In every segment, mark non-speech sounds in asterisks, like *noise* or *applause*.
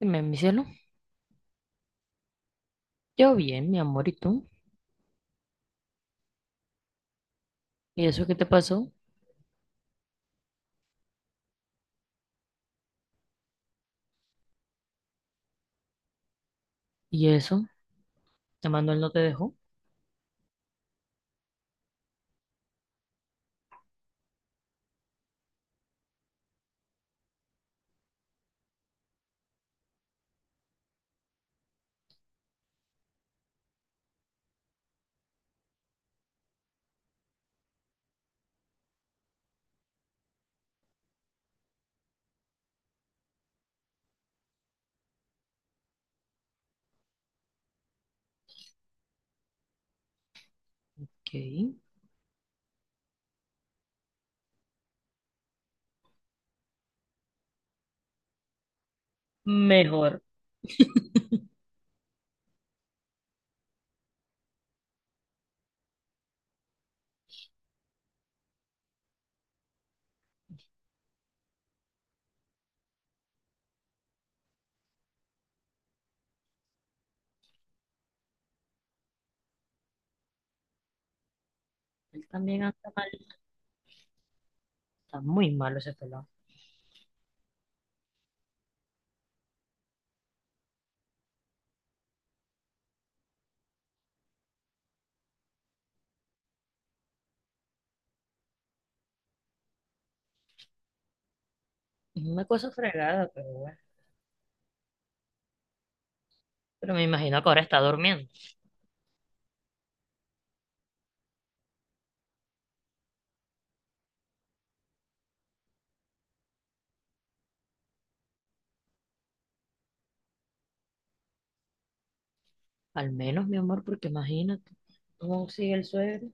Dime, mi cielo. Yo bien, mi amor, ¿y tú? ¿Y eso qué te pasó? ¿Y eso? ¿Te mandó él no te dejó? ¿Qué? Mejor. Él también anda mal. Está muy malo ese pelado. Es una cosa fregada, pero bueno. Pero me imagino que ahora está durmiendo. Al menos, mi amor, porque imagínate cómo sigue el suegro.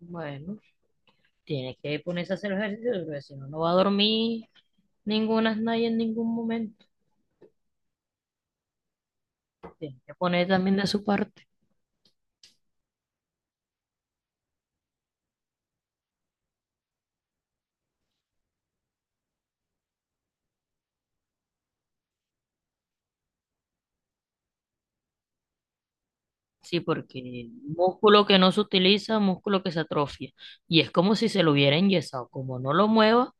Bueno, tiene que ponerse a hacer ejercicio, porque si no, no va a dormir ninguna nadie en ningún momento. Tiene que poner también de su parte. Sí, porque músculo que no se utiliza, músculo que se atrofia. Y es como si se lo hubiera enyesado. Como no lo mueva,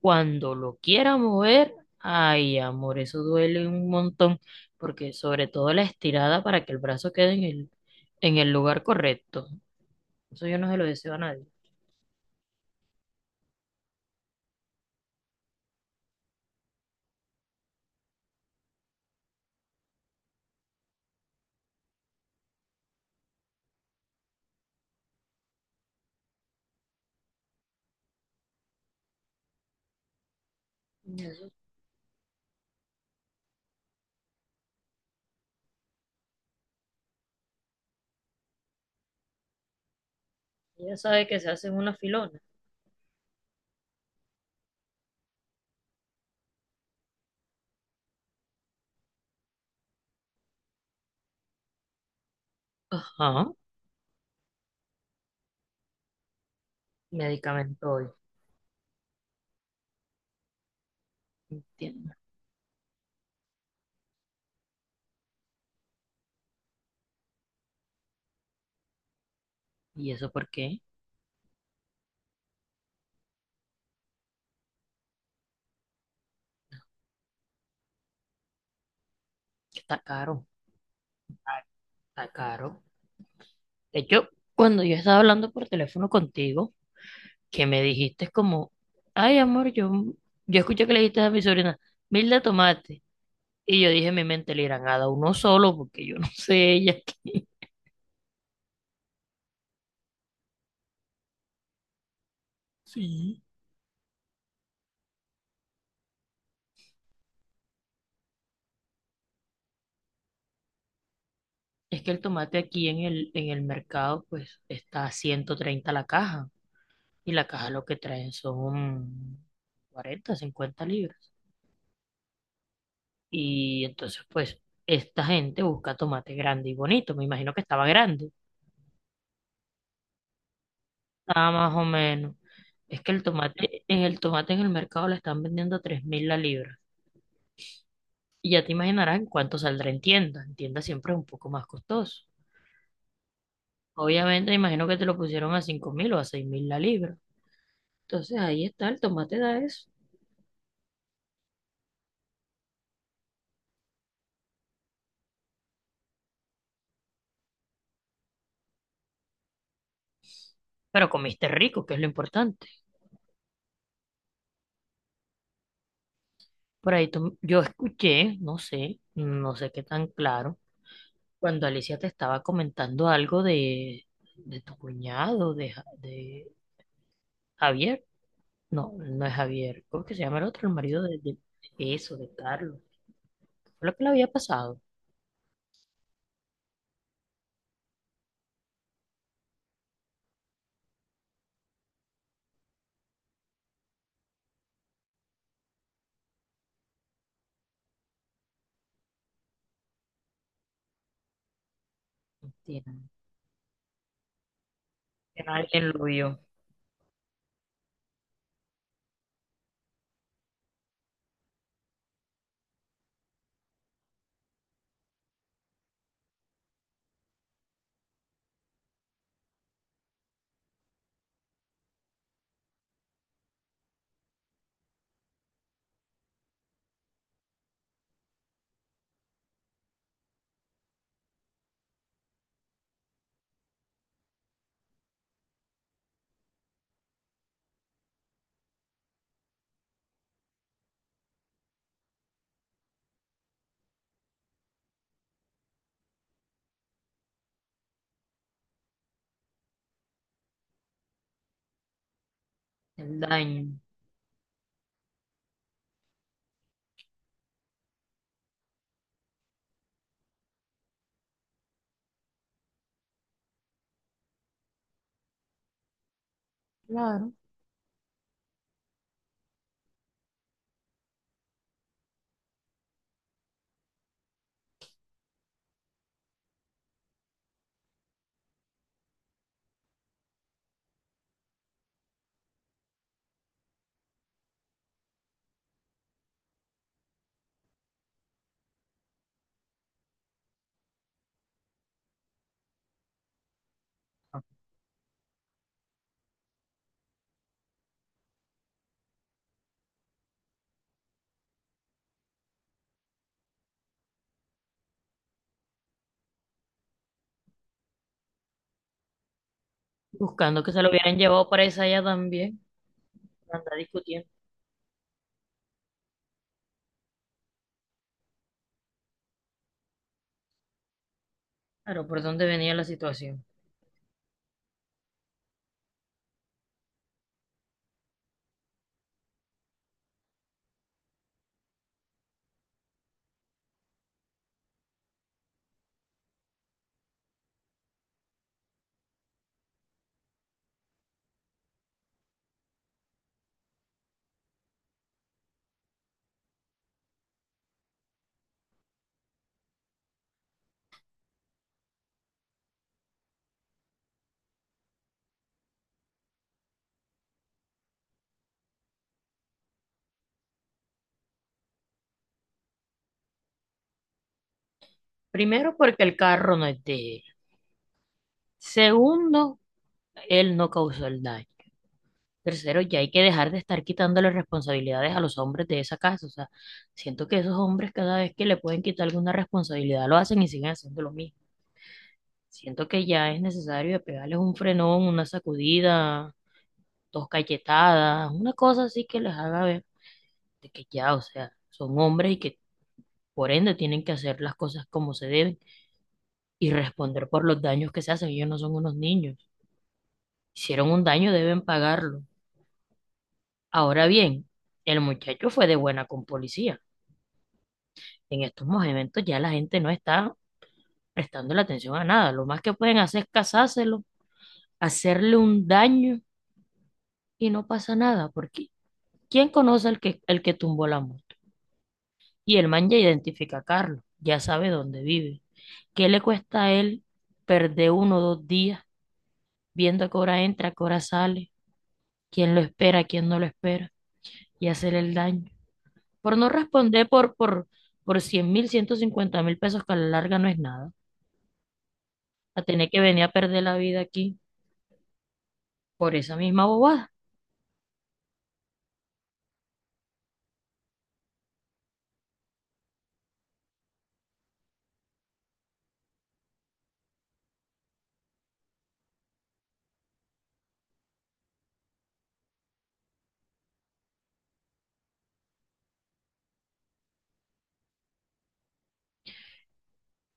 cuando lo quiera mover, ay, amor, eso duele un montón. Porque sobre todo la estirada para que el brazo quede en el lugar correcto. Eso yo no se lo deseo a nadie. Ella sabe que se hacen una filona. Ajá, medicamento hoy. Entiendo. ¿Y eso por qué? Está caro, está caro. De hecho, cuando yo estaba hablando por teléfono contigo, que me dijiste es como, ay amor, yo escuché que le dijiste a mi sobrina, Milda tomate. Y yo dije en mi mente, le irán a dar uno solo porque yo no sé ella. *laughs* Sí. Es que el tomate aquí en el mercado pues está a 130 la caja y la caja lo que traen son 40 50 libras. Y entonces pues esta gente busca tomate grande y bonito, me imagino que estaba grande, estaba más o menos. Es que en el tomate en el mercado le están vendiendo a 3.000 la libra. Y ya te imaginarás en cuánto saldrá en tienda. En tienda siempre es un poco más costoso. Obviamente, imagino que te lo pusieron a 5.000 o a 6.000 la libra. Entonces ahí está, el tomate da eso. Pero comiste rico, que es lo importante. Yo escuché, no sé, no sé qué tan claro, cuando Alicia te estaba comentando algo de tu cuñado, de Javier. No, no es Javier. ¿Cómo que se llama el otro? El marido de eso, de Carlos. Fue lo que le había pasado. Mentira. Que alguien lo vio. El daño. Claro. Buscando que se lo hubieran llevado para esa allá también. Anda discutiendo. Pero ¿por dónde venía la situación? Primero, porque el carro no es de él. Segundo, él no causó el daño. Tercero, ya hay que dejar de estar quitándole responsabilidades a los hombres de esa casa. O sea, siento que esos hombres cada vez que le pueden quitar alguna responsabilidad lo hacen y siguen haciendo lo mismo. Siento que ya es necesario de pegarles un frenón, una sacudida, dos cachetadas, una cosa así que les haga ver de que ya, o sea, son hombres y que por ende tienen que hacer las cosas como se deben y responder por los daños que se hacen. Ellos no son unos niños. Hicieron un daño, deben pagarlo. Ahora bien, el muchacho fue de buena con policía. En estos momentos ya la gente no está prestando la atención a nada. Lo más que pueden hacer es casárselo, hacerle un daño y no pasa nada, porque ¿quién conoce el que tumbó la moto? Y el man ya identifica a Carlos, ya sabe dónde vive. ¿Qué le cuesta a él perder uno o dos días viendo a qué hora entra, a qué hora sale, quién lo espera, quién no lo espera y hacerle el daño? Por no responder por 100.000, 150.000 pesos que a la larga no es nada, a tener que venir a perder la vida aquí por esa misma bobada,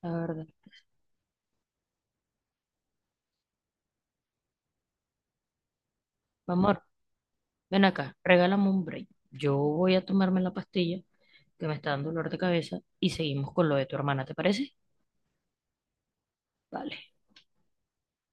la verdad. Amor, ven acá, regálame un break. Yo voy a tomarme la pastilla que me está dando dolor de cabeza y seguimos con lo de tu hermana, ¿te parece? Vale.